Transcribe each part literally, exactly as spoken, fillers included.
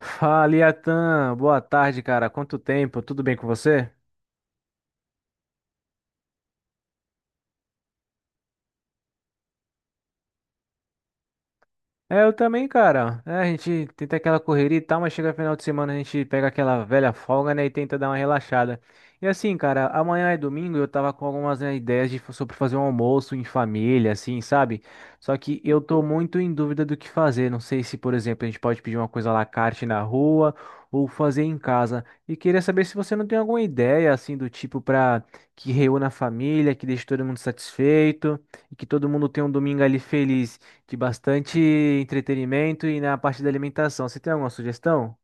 Fala, Iatan. Boa tarde, cara. Quanto tempo? Tudo bem com você? É, eu também, cara. É, a gente tenta aquela correria e tal, mas chega final de semana a gente pega aquela velha folga, né, e tenta dar uma relaxada. E assim, cara, amanhã é domingo, eu tava com algumas, né, ideias de, sobre fazer um almoço em família, assim, sabe? Só que eu tô muito em dúvida do que fazer. Não sei se, por exemplo, a gente pode pedir uma coisa à la carte na rua ou fazer em casa. E queria saber se você não tem alguma ideia, assim, do tipo pra que reúna a família, que deixe todo mundo satisfeito e que todo mundo tenha um domingo ali feliz de bastante entretenimento e na parte da alimentação. Você tem alguma sugestão?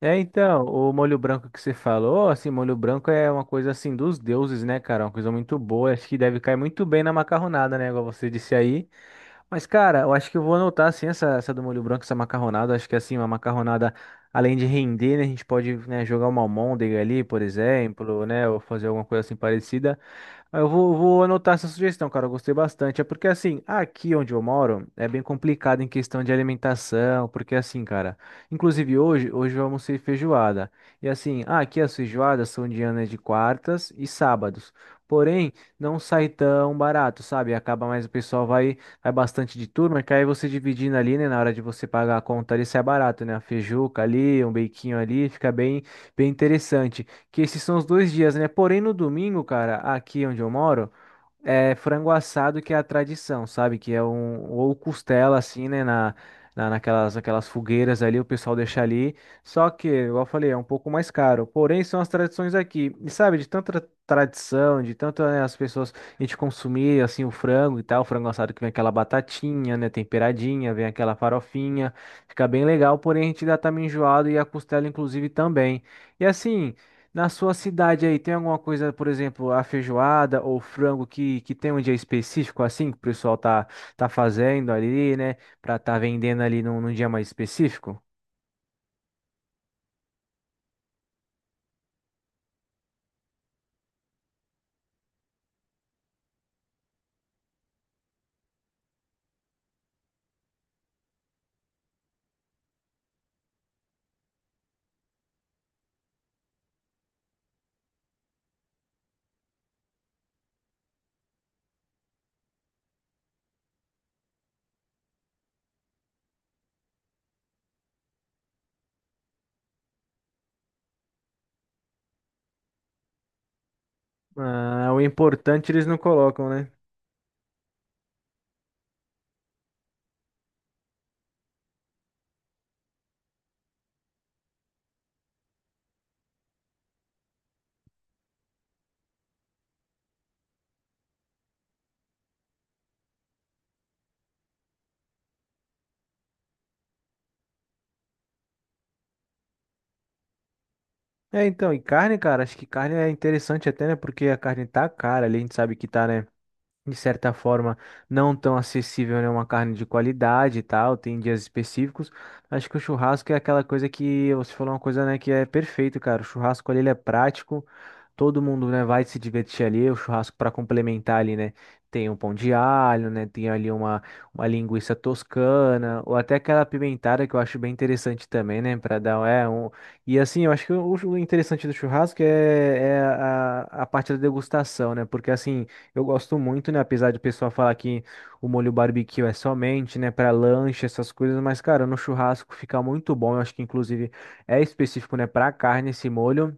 É, então, o molho branco que você falou, assim, molho branco é uma coisa assim dos deuses, né, cara? Uma coisa muito boa. Acho que deve cair muito bem na macarronada, né? Igual você disse aí. Mas, cara, eu acho que eu vou anotar assim essa, essa do molho branco, essa macarronada. Acho que assim, uma macarronada, além de render, né? A gente pode, né, jogar uma almôndega ali, por exemplo, né? Ou fazer alguma coisa assim parecida. Ah, eu vou, vou anotar essa sugestão, cara. Eu gostei bastante. É porque, assim, aqui onde eu moro é bem complicado em questão de alimentação. Porque, assim, cara, inclusive hoje, hoje eu almocei feijoada. E, assim, ah, aqui as feijoadas são dianas de quartas e sábados. Porém, não sai tão barato, sabe? Acaba mais o pessoal vai, vai bastante de turma, que aí você dividindo ali, né? Na hora de você pagar a conta ali, sai barato, né? A feijuca ali, um beiquinho ali, fica bem, bem interessante. Que esses são os dois dias, né? Porém, no domingo, cara, aqui onde eu moro, é frango assado que é a tradição, sabe? Que é um. Ou costela, assim, né? Na, na, naquelas, naquelas fogueiras ali, o pessoal deixa ali. Só que, igual eu falei, é um pouco mais caro. Porém, são as tradições aqui. E sabe, de tanta tradição, de tanto, né, as pessoas. A gente consumir, assim, o frango e tal. O frango assado que vem aquela batatinha, né? Temperadinha, vem aquela farofinha. Fica bem legal, porém, a gente já tá meio enjoado e a costela, inclusive, também. E assim. Na sua cidade aí, tem alguma coisa, por exemplo, a feijoada ou frango que, que tem um dia específico assim, que o pessoal tá, tá fazendo ali, né? Pra tá vendendo ali num, num dia mais específico? Ah, o importante eles não colocam, né? É, então, e carne, cara, acho que carne é interessante até, né? Porque a carne tá cara ali, a gente sabe que tá, né? De certa forma, não tão acessível, né? Uma carne de qualidade e tal, tem dias específicos. Acho que o churrasco é aquela coisa que você falou uma coisa, né, que é perfeito, cara. O churrasco ali ele é prático, todo mundo, né, vai se divertir ali. O churrasco para complementar ali, né, tem um pão de alho, né, tem ali uma, uma linguiça toscana, ou até aquela apimentada que eu acho bem interessante também, né, para dar, é, um... E assim, eu acho que o o interessante do churrasco é, é a, a parte da degustação, né, porque assim. Eu gosto muito, né? Apesar de o pessoal falar que o molho barbecue é somente, né, para lanche, essas coisas, mas, cara, no churrasco fica muito bom. Eu acho que, inclusive, é específico, né, para carne esse molho.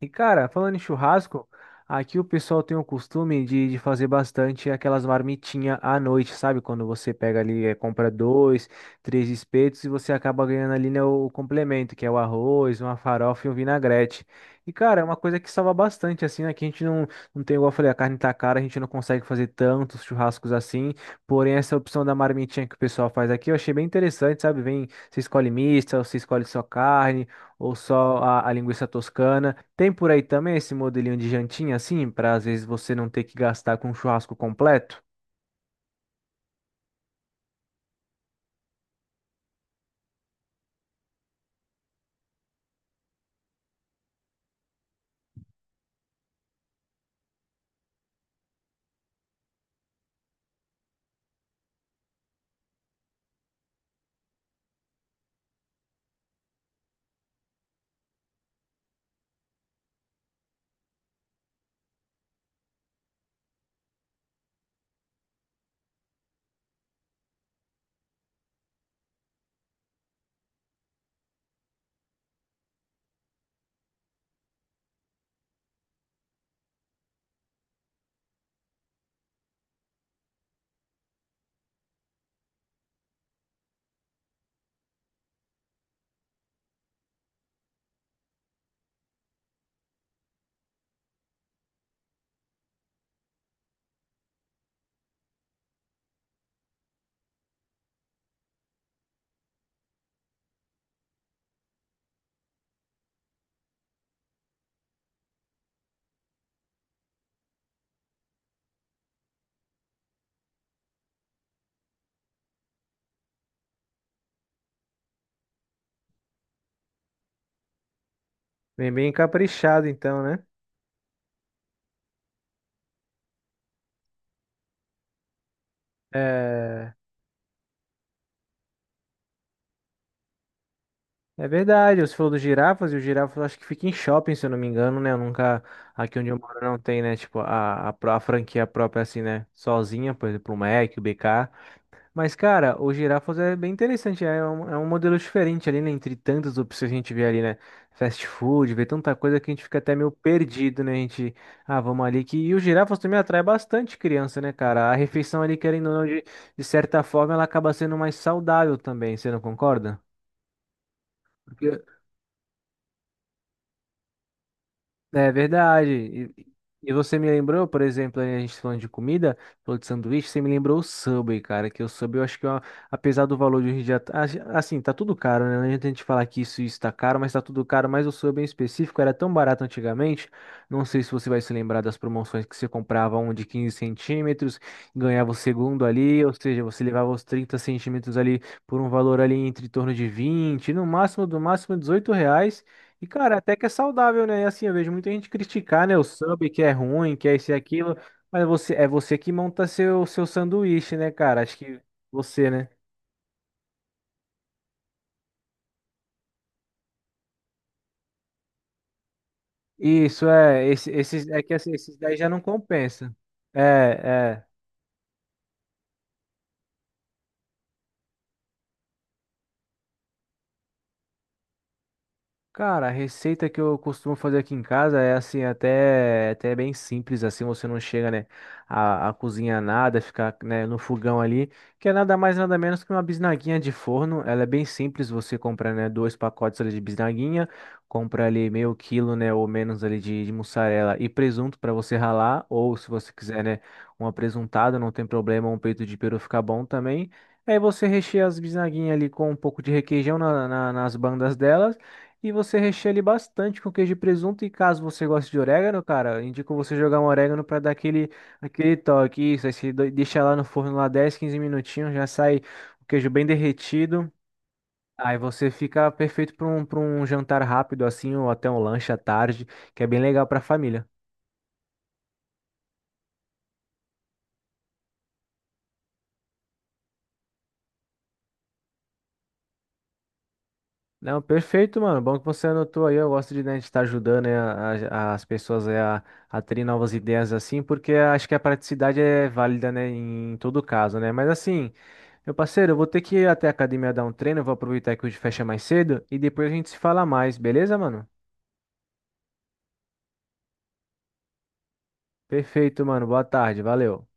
E cara, falando em churrasco, aqui o pessoal tem o costume de, de fazer bastante aquelas marmitinhas à noite, sabe? Quando você pega ali, eh, compra dois, três espetos e você acaba ganhando ali, né, o, complemento, que é o arroz, uma farofa e um vinagrete. E cara, é uma coisa que salva bastante, assim, né? Que a gente não, não tem, igual eu falei, a carne tá cara, a gente não consegue fazer tantos churrascos assim. Porém, essa opção da marmitinha que o pessoal faz aqui, eu achei bem interessante, sabe? Vem, você escolhe mista, você escolhe só carne. Ou só a, a linguiça toscana. Tem por aí também esse modelinho de jantinha, assim, para às vezes você não ter que gastar com um churrasco completo? Bem, bem caprichado, então, né? É, é verdade. Você falou dos girafas, e o girafa eu acho que fica em shopping, se eu não me engano, né? Eu nunca. Aqui onde eu moro não tem, né? Tipo, a, a, pró- a franquia própria, assim, né? Sozinha, por exemplo, o Mac, o B K. Mas, cara, o girafas é bem interessante, é um, é um modelo diferente ali, né? Entre tantas opções que a gente vê ali, né? Fast food, vê tanta coisa que a gente fica até meio perdido, né? A gente, ah, vamos ali que. E o girafas também atrai bastante criança, né, cara? A refeição ali, querendo ou não, de, de certa forma, ela acaba sendo mais saudável também, você não concorda? Porque é verdade. E, e você me lembrou, por exemplo, aí a gente falando de comida, falou de sanduíche, você me lembrou o Subway, cara, que o Subway eu acho que, ó, apesar do valor de hoje em dia, tá- a- assim, tá tudo caro, né? Não adianta a gente falar que isso está caro, mas tá tudo caro, mas o Subway em específico era tão barato antigamente, não sei se você vai se lembrar das promoções que você comprava um de quinze centímetros, ganhava o segundo ali, ou seja, você levava os trinta centímetros ali por um valor ali entre torno de vinte, no máximo, do máximo dezoito reais, e, cara, até que é saudável, né? E assim, eu vejo muita gente criticar, né? O sub que é ruim, que é isso e aquilo. Mas você, é você que monta seu, seu sanduíche, né, cara? Acho que você, né? Isso, é. Esse, esses, é que assim, esses daí já não compensa. É, é. Cara, a receita que eu costumo fazer aqui em casa é assim, até, até bem simples, assim, você não chega, né, a, a cozinhar nada, ficar, né, no fogão ali, que é nada mais, nada menos que uma bisnaguinha de forno, ela é bem simples, você compra, né, dois pacotes ali de bisnaguinha, compra ali meio quilo, né, ou menos ali de, de mussarela e presunto para você ralar, ou se você quiser, né, uma presuntada, não tem problema, um peito de peru fica bom também, aí você recheia as bisnaguinhas ali com um pouco de requeijão na- na- nas bandas delas, e você recheia ele bastante com queijo e presunto. E caso você goste de orégano, cara, indico você jogar um orégano para dar aquele, aquele toque. Isso, aí você do- deixa lá no forno lá dez, quinze minutinhos, já sai o queijo bem derretido. Aí você fica perfeito para um, para um jantar rápido assim, ou até um lanche à tarde, que é bem legal para família. Não, perfeito, mano. Bom que você anotou aí. Eu gosto de, né, de estar ajudando, né, a- a- as pessoas é, a, a terem novas ideias assim, porque acho que a praticidade é válida, né, em todo caso, né? Mas assim. Meu parceiro, eu vou ter que ir até a academia dar um treino, eu vou aproveitar que hoje fecha mais cedo e depois a gente se fala mais, beleza, mano? Perfeito, mano. Boa tarde, valeu.